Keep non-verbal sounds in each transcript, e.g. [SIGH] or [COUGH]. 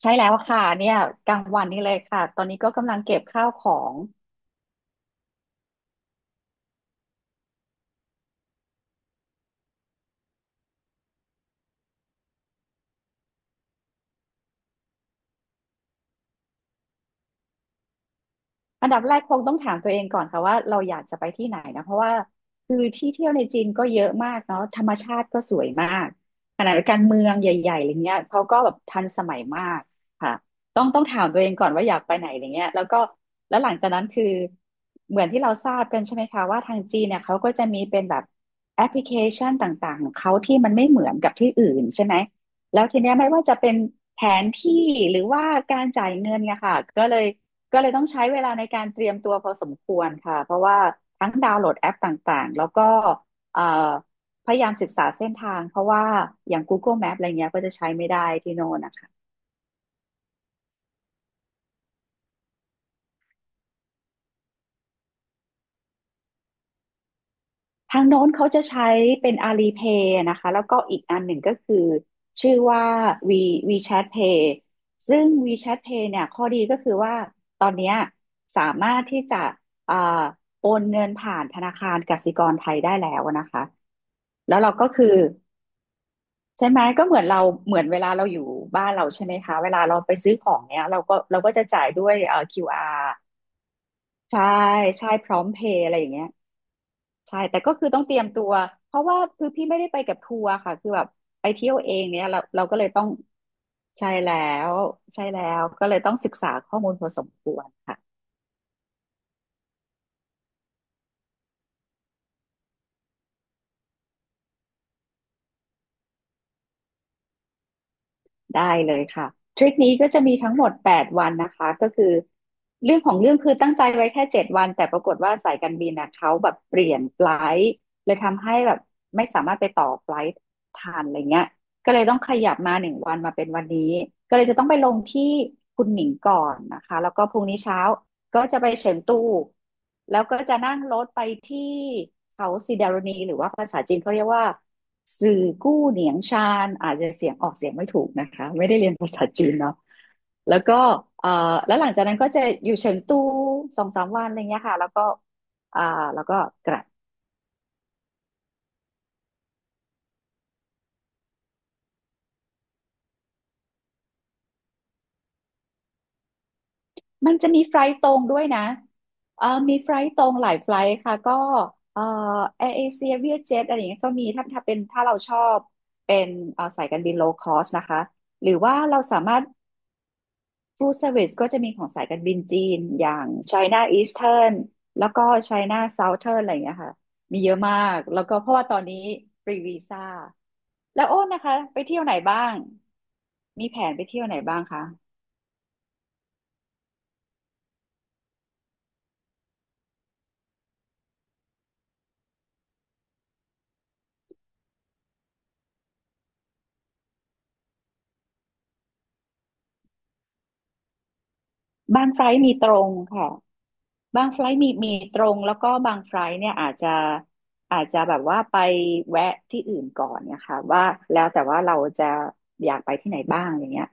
ใช่แล้วค่ะเนี่ยกลางวันนี้เลยค่ะตอนนี้ก็กำลังเก็บข้าวของ อันดับแรกคงต้องถามตัวเองก่อนค่ะว่าเราอยากจะไปที่ไหนนะเพราะว่าคือที่เที่ยวในจีนก็เยอะมากเนาะธรรมชาติก็สวยมากขณะเดียวกันเมืองใหญ่ๆอะไรเงี้ยเขาก็แบบทันสมัยมากค่ะต้องถามตัวเองก่อนว่าอยากไปไหนอะไรเงี้ยแล้วก็แล้วหลังจากนั้นคือเหมือนที่เราทราบกันใช่ไหมคะว่าทางจีนเนี่ยเขาก็จะมีเป็นแบบแอปพลิเคชันต่างๆของเขาที่มันไม่เหมือนกับที่อื่นใช่ไหมแล้วทีเนี้ยไม่ว่าจะเป็นแผนที่หรือว่าการจ่ายเงินเนี่ยค่ะก็เลย ต้องใช้เวลาในการเตรียมตัวพอสมควรค่ะเพราะว่าทั้งดาวน์โหลดแอปต่างๆแล้วก็เอ่อพยายามศึกษาเส้นทางเพราะว่าอย่าง Google Map อะไรเงี้ยก็จะใช้ไม่ได้ที่โน่นนะคะทางโน้นเขาจะใช้เป็น Alipay นะคะแล้วก็อีกอันหนึ่งก็คือชื่อว่า V WeChat Pay ซึ่ง WeChat Pay เนี่ยข้อดีก็คือว่าตอนเนี้ยสามารถที่จะเอ่อโอนเงินผ่านธนาคารกสิกรไทยได้แล้วนะคะแล้วเราก็คือ ใช่ไหมก็เหมือนเราเหมือนเวลาเราอยู่บ้านเราใช่ไหมคะเวลาเราไปซื้อของเนี้ยเราก็จะจ่ายด้วยQR ใช่ใช่พร้อมเพย์อะไรอย่างเงี้ยใช่แต่ก็คือต้องเตรียมตัวเพราะว่าคือพี่ไม่ได้ไปกับทัวร์ค่ะคือแบบไปเที่ยวเองเนี้ยเราก็เลยต้องใช่แล้วใช่แล้วก็เลยต้องศึกษาข้อมูลพอสมควรค่ะ ได้เลยค่ะทริปนี้ก็จะมีทั้งหมดแปดวันนะคะก็คือเรื่องของเรื่องคือตั้งใจไว้แค่เจ็ดวันแต่ปรากฏว่าสายการบินนะเขาแบบเปลี่ยนไฟลท์เลยทำให้แบบไม่สามารถไปต่อไฟลท์ทันอะไรเงี้ยก็เลยต้องขยับมาหนึ่งวันมาเป็นวันนี้ก็เลยจะต้องไปลงที่คุนหมิงก่อนนะคะแล้วก็พรุ่งนี้เช้า ก็จะไปเฉิงตูแล้วก็จะนั่งรถไปที่เขาซีดารณีหรือว่าภาษาจีนเขาเรียกว่าสื่อกู้เหนียงชานอาจจะเสียงออกเสียงไม่ถูกนะคะไม่ได้เรียนภาษาจีนเนาะแล้วก็เอ่อแล้วหลังจากนั้นก็จะอยู่เฉิงตูสองสามวันอะไรเงี้ยค่ะแล้วก็อ่าแล้วก็กลับ มันจะมีไฟล์ตรงด้วยนะเออมีไฟล์ตรงหลายไฟล์ค่ะ ก็เออแอร์เอเชียเวียเจ็ตอะไรอย่างเงี้ยก็มีถ้าเราชอบเป็นเออสายการบินโลคอสนะคะ หรือว่าเราสามารถฟู l เซอร์วิสก็จะมีของสายการบินจีนอย่าง China Eastern แล้วก็ China Southern อะไรอย่างเงี้ยค่ะ มีเยอะมาก แล้วก็เพราะว่าตอนนี้ฟรีวีซ่าแล้วโอ้นนะคะไปเที่ยวไหนบ้าง มีแผนไปเที่ยวไหนบ้างคะบางไฟล์มีตรงค่ะ บางไฟลท์มีตรงแล้วก็บางไฟลท์เนี่ยอาจจะแบบว่าไปแวะที่อื่นก่อนเนี่ยค่ะว่าแล้วแต่ว่าเราจะอยากไปที่ไหนบ้างอย่างเงี้ย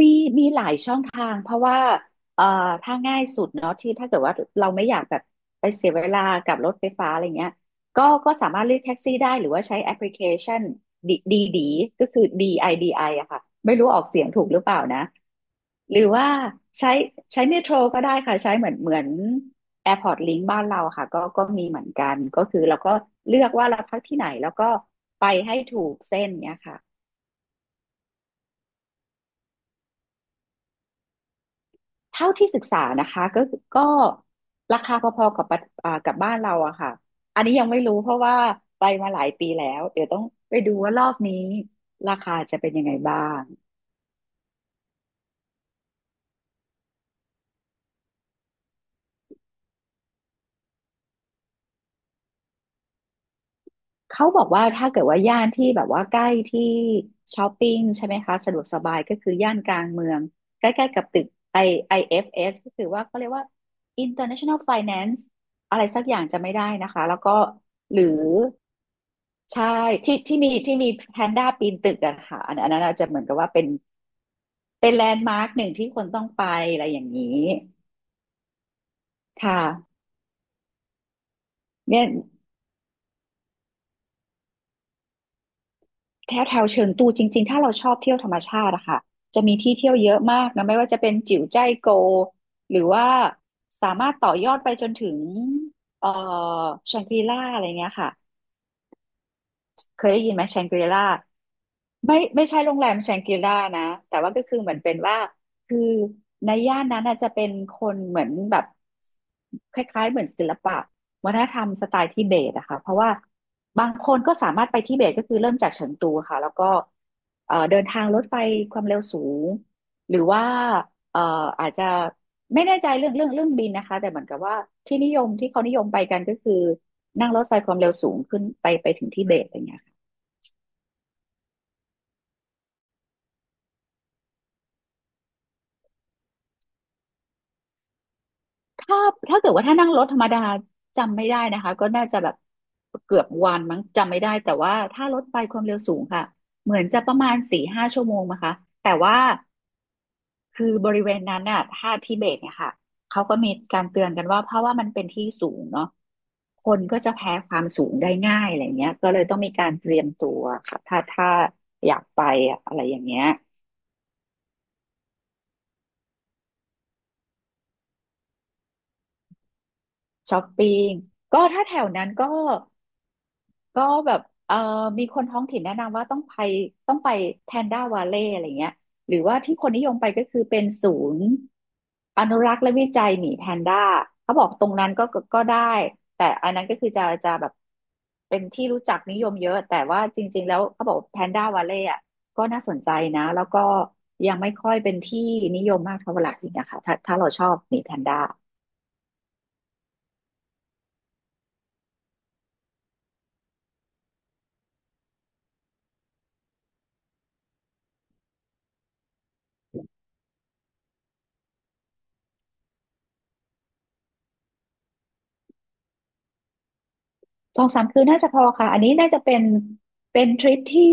มีมีหลายช่องทางเพราะว่าเอ่อถ้าง่ายสุดเนาะที่ถ้าเกิดว่าเราไม่อยากแบบไปเสียเวลากับรถไฟฟ้าอะไรเงี้ยก็สามารถเรียกแท็กซี่ได้หรือว่าใช้แอปพลิเคชันดีดีดีก็คือ DIDI อดีไออะค่ะไม่รู้ออกเสียงถูกหรือเปล่านะหรือว่าใช้ใช้เมโทรก็ได้ค่ะใช้เหมือน AirPort Link บ้านเราค่ะก็มีเหมือนกันก็คือเราก็เลือกว่าเราพักที่ไหนแล้วก็ไปให้ถูกเส้นเนี้ยค่ะ เท่าที่ศึกษานะคะก็ราคาพอๆกับปะอ่ากับบ้านเราอะค่ะ อันนี้ยังไม่รู้เพราะว่าไปมาหลายปีแล้วเดี๋ยวต้องไปดูว่ารอบนี้ราคาจะเป็นยังไงบ้าง เขาบอกว่าถ้าเกิดว่าย่านที่แบบว่าใกล้ที่ช้อปปิ้งใช่ไหมคะสะดวกสบายก็คือย่านกลางเมืองใกล้ๆกับตึก I เ f s ก็คือว่าเขาเรียกว่า International Finance อะไรสักอย่างจะไม่ได้นะคะแล้วก็หรือ ใช่ที่ที่มีแพนด้าปีนตึกอะค่ะอันนั้นอาจจะเหมือนกับว่าเป็นแลนด์มาร์คหนึ่งที่คนต้องไปอะไรอย่างนี้ค่ะเนี่ยแถวแถวเชิงตูจริงๆถ้าเราชอบเที่ยวธรรมชาติอะค่ะจะมีที่เที่ยวเยอะมากนะไม่ว่าจะเป็นจิ๋วจ้ายโกหรือว่าสามารถต่อยอดไปจนถึงเอ่อแชงกรีล่าอะไรเงี้ยค่ะ เคยได้ยินไหมแชงกรีล่าไม่ใช่โรงแรมแชงกรีล่านะแต่ว่าก็คือเหมือนเป็นว่าคือในย่านนั้นน่ะจะเป็นคนเหมือนแบบคล้ายๆเหมือนศิลปะวัฒนธรรมสไตล์ทิเบตอะค่ะเพราะว่าบางคนก็สามารถไปทิเบตก็คือเริ่มจากเฉิงตูค่ะแล้วก็เดินทางรถไฟความเร็วสูงหรือว่าเอ่ออาจจะไม่แน่ใจเรื่องบินนะคะแต่เหมือนกับว่าที่เขานิยมไปกันก็คือนั่งรถไฟความเร็วสูงขึ้นไปไปถึงทิเบตอะไรเงี้ย ถ้าถ้าเกิดว่าถ้านั่งรถธรรมดาจำไม่ได้นะคะก็น่าจะแบบเกือบวันมั้งจำไม่ได้แต่ว่าถ้ารถไฟความเร็วสูงค่ะเหมือนจะประมาณสี่ห้าชั่วโมงนะคะแต่ว่าคือบริเวณนั้นน่ะถ้าทิเบตเนี่ยค่ะเขาก็มีการเตือนกันว่าเพราะว่ามันเป็นที่สูงเนาะคนก็จะแพ้ความสูงได้ง่ายอะไรเงี้ยก็เลยต้องมีการเตรียมตัวค่ะถ้าอยากไปอะอะไรอย่างเงี้ย ช้อปปิ้งก็ถ้าแถวนั้นก็ก็แบบเอ่อมีคนท้องถิ่นแนะนำว่าต้องไปแพนด้าวาเล่อะไรเงี้ยหรือว่าที่คนนิยมไปก็คือเป็นศูนย์อนุรักษ์และวิจัยหมีแพนด้าเขาบอกตรงนั้นก็ได้แต่อันนั้นก็คือจะแบบเป็นที่รู้จักนิยมเยอะแต่ว่าจริงๆแล้วเขาบอกแพนด้าวาเล่อะก็น่าสนใจนะแล้วก็ยังไม่ค่อยเป็นที่นิยมมากเท่าไหร่นะคะถ้าเราชอบหมีแพนด้า สองสามคืนน่าจะพอค่ะอันนี้น่าจะเป็นเป็นทริปที่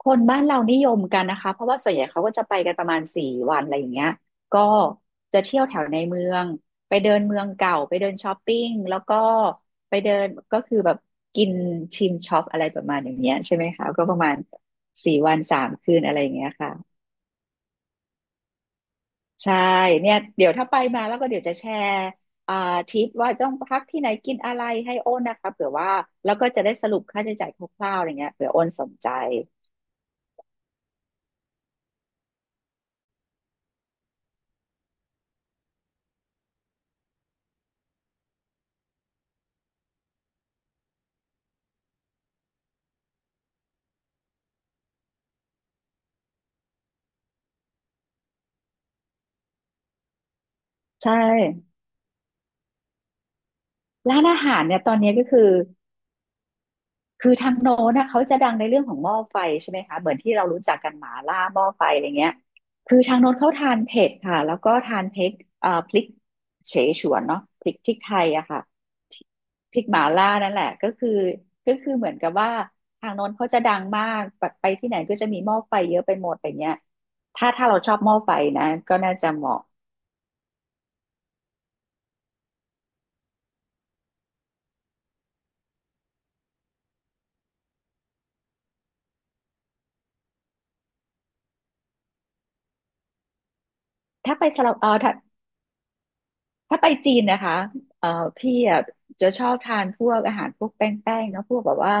คนบ้านเรานิยมกันนะคะเพราะว่าส่วนใหญ่เขาก็จะไปกันประมาณสี่วันอะไรอย่างเงี้ยก็จะเที่ยวแถวในเมืองไปเดินเมืองเก่าไปเดินช้อปปิ้งแล้วก็ไปเดินก็คือแบบกินชิมช็อปอะไรประมาณอย่างเงี้ยใช่ไหมคะก็ประมาณสี่วันสามคืนอะไรอย่างเงี้ยค่ะ ใช่เนี่ยเดี๋ยวถ้าไปมาแล้วก็เดี๋ยวจะแชร์อ่าทิปว่าต้องพักที่ไหนกินอะไรให้โอนนะคะเผื่อว่าแล้วก็จะได้สรุปค่าใช้จ่ายคร่าวๆอะไรเงี้ยเผื่อโอนสนใจใช่ร้านอาหารเนี่ยตอนนี้ก็คือ คือทางโน้นนะเขาจะดังในเรื่องของหม้อไฟใช่ไหมคะเหมือนที่เรารู้จักกันหมาล่าหม้อไฟอะไรเงี้ยคือทางโน้นเขาทานเผ็ดค่ะแล้วก็ทานเผ็ดพริกเฉฉวนเนาะพริกไทยอะค่ะพริกหมาล่านั่นแหละก็คือก็คือเหมือนกับว่าทางโน้นเขาจะดังมากแบไปที่ไหนก็จะมีหม้อไฟเยอะไปหมดอะไรเงี้ยถ้าเราชอบหม้อไฟนะก็น่าจะเหมาะถ้าไปสลับเออถ้า ถ้าไปจีนนะคะเอ่อพี่อะจะชอบทานพวกอาหารพวกแป้งๆเนาะพวกแบบว่า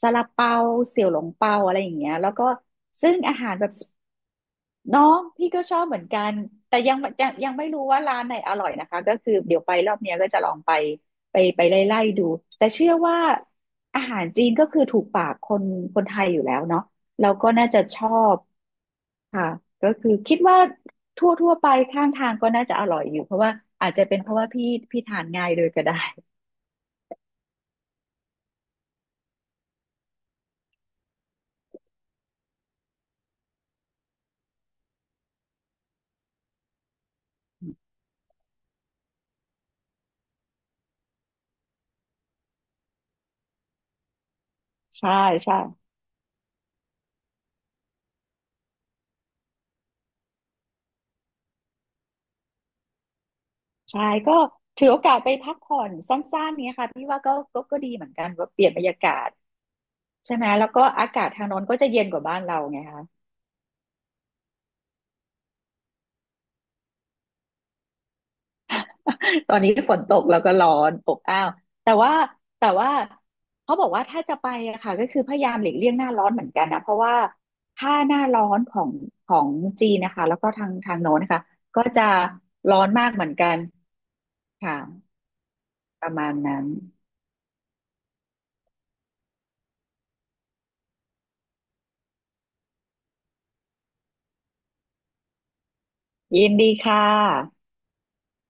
ซาลาเปาเสี่ยวหลงเปาอะไรอย่างเงี้ยแล้วก็ซึ่งอาหารแบบ เนาะพี่ก็ชอบเหมือนกันแต่ยังไม่รู้ว่าร้านไหนอร่อยนะคะก็คือเดี๋ยวไปรอบเนี้ยก็จะลองไปไล่ดูแต่เชื่อว่าอาหารจีนก็คือถูกปากคนไทยอยู่แล้วเนาะเราก็น่าจะชอบค่ะก็คือคิดว่าทั่วไปข้างทางก็น่าจะอร่อยอยู่เพราะว่าอาจจะเป็นเพราะว่าพี่ทานง่ายเลยก็ได้ [LAUGHS] ใช่ใช่ใช่ก็ถือโอกาสไปพักผ่อนสั้นๆเนี้ยค่ะพี่ว่าก็ดีเหมือนกันว่าเปลี่ยนบรรยากาศ ใช่ไหมแล้วก็อากาศทางโน้นก็จะเย็นกว่าบ้านเราไงคะ [LAUGHS] ตอนนี้ฝนตกแล้วก็ร้อนอบอ้าวแต่ว่าแต่ว่าเขาบอกว่าถ้าจะไปอะค่ะก็คือพยายามหลีกเลี่ยงหน้าร้อนเหมือนกันนะเพราะว่าถ้าหน้าร้อนของจีนนะคะแล้วก็ทางโน้นนะคะก็จะร้อนมากเหมือนกันค่ะประมาณนั้นยินดีค่ะ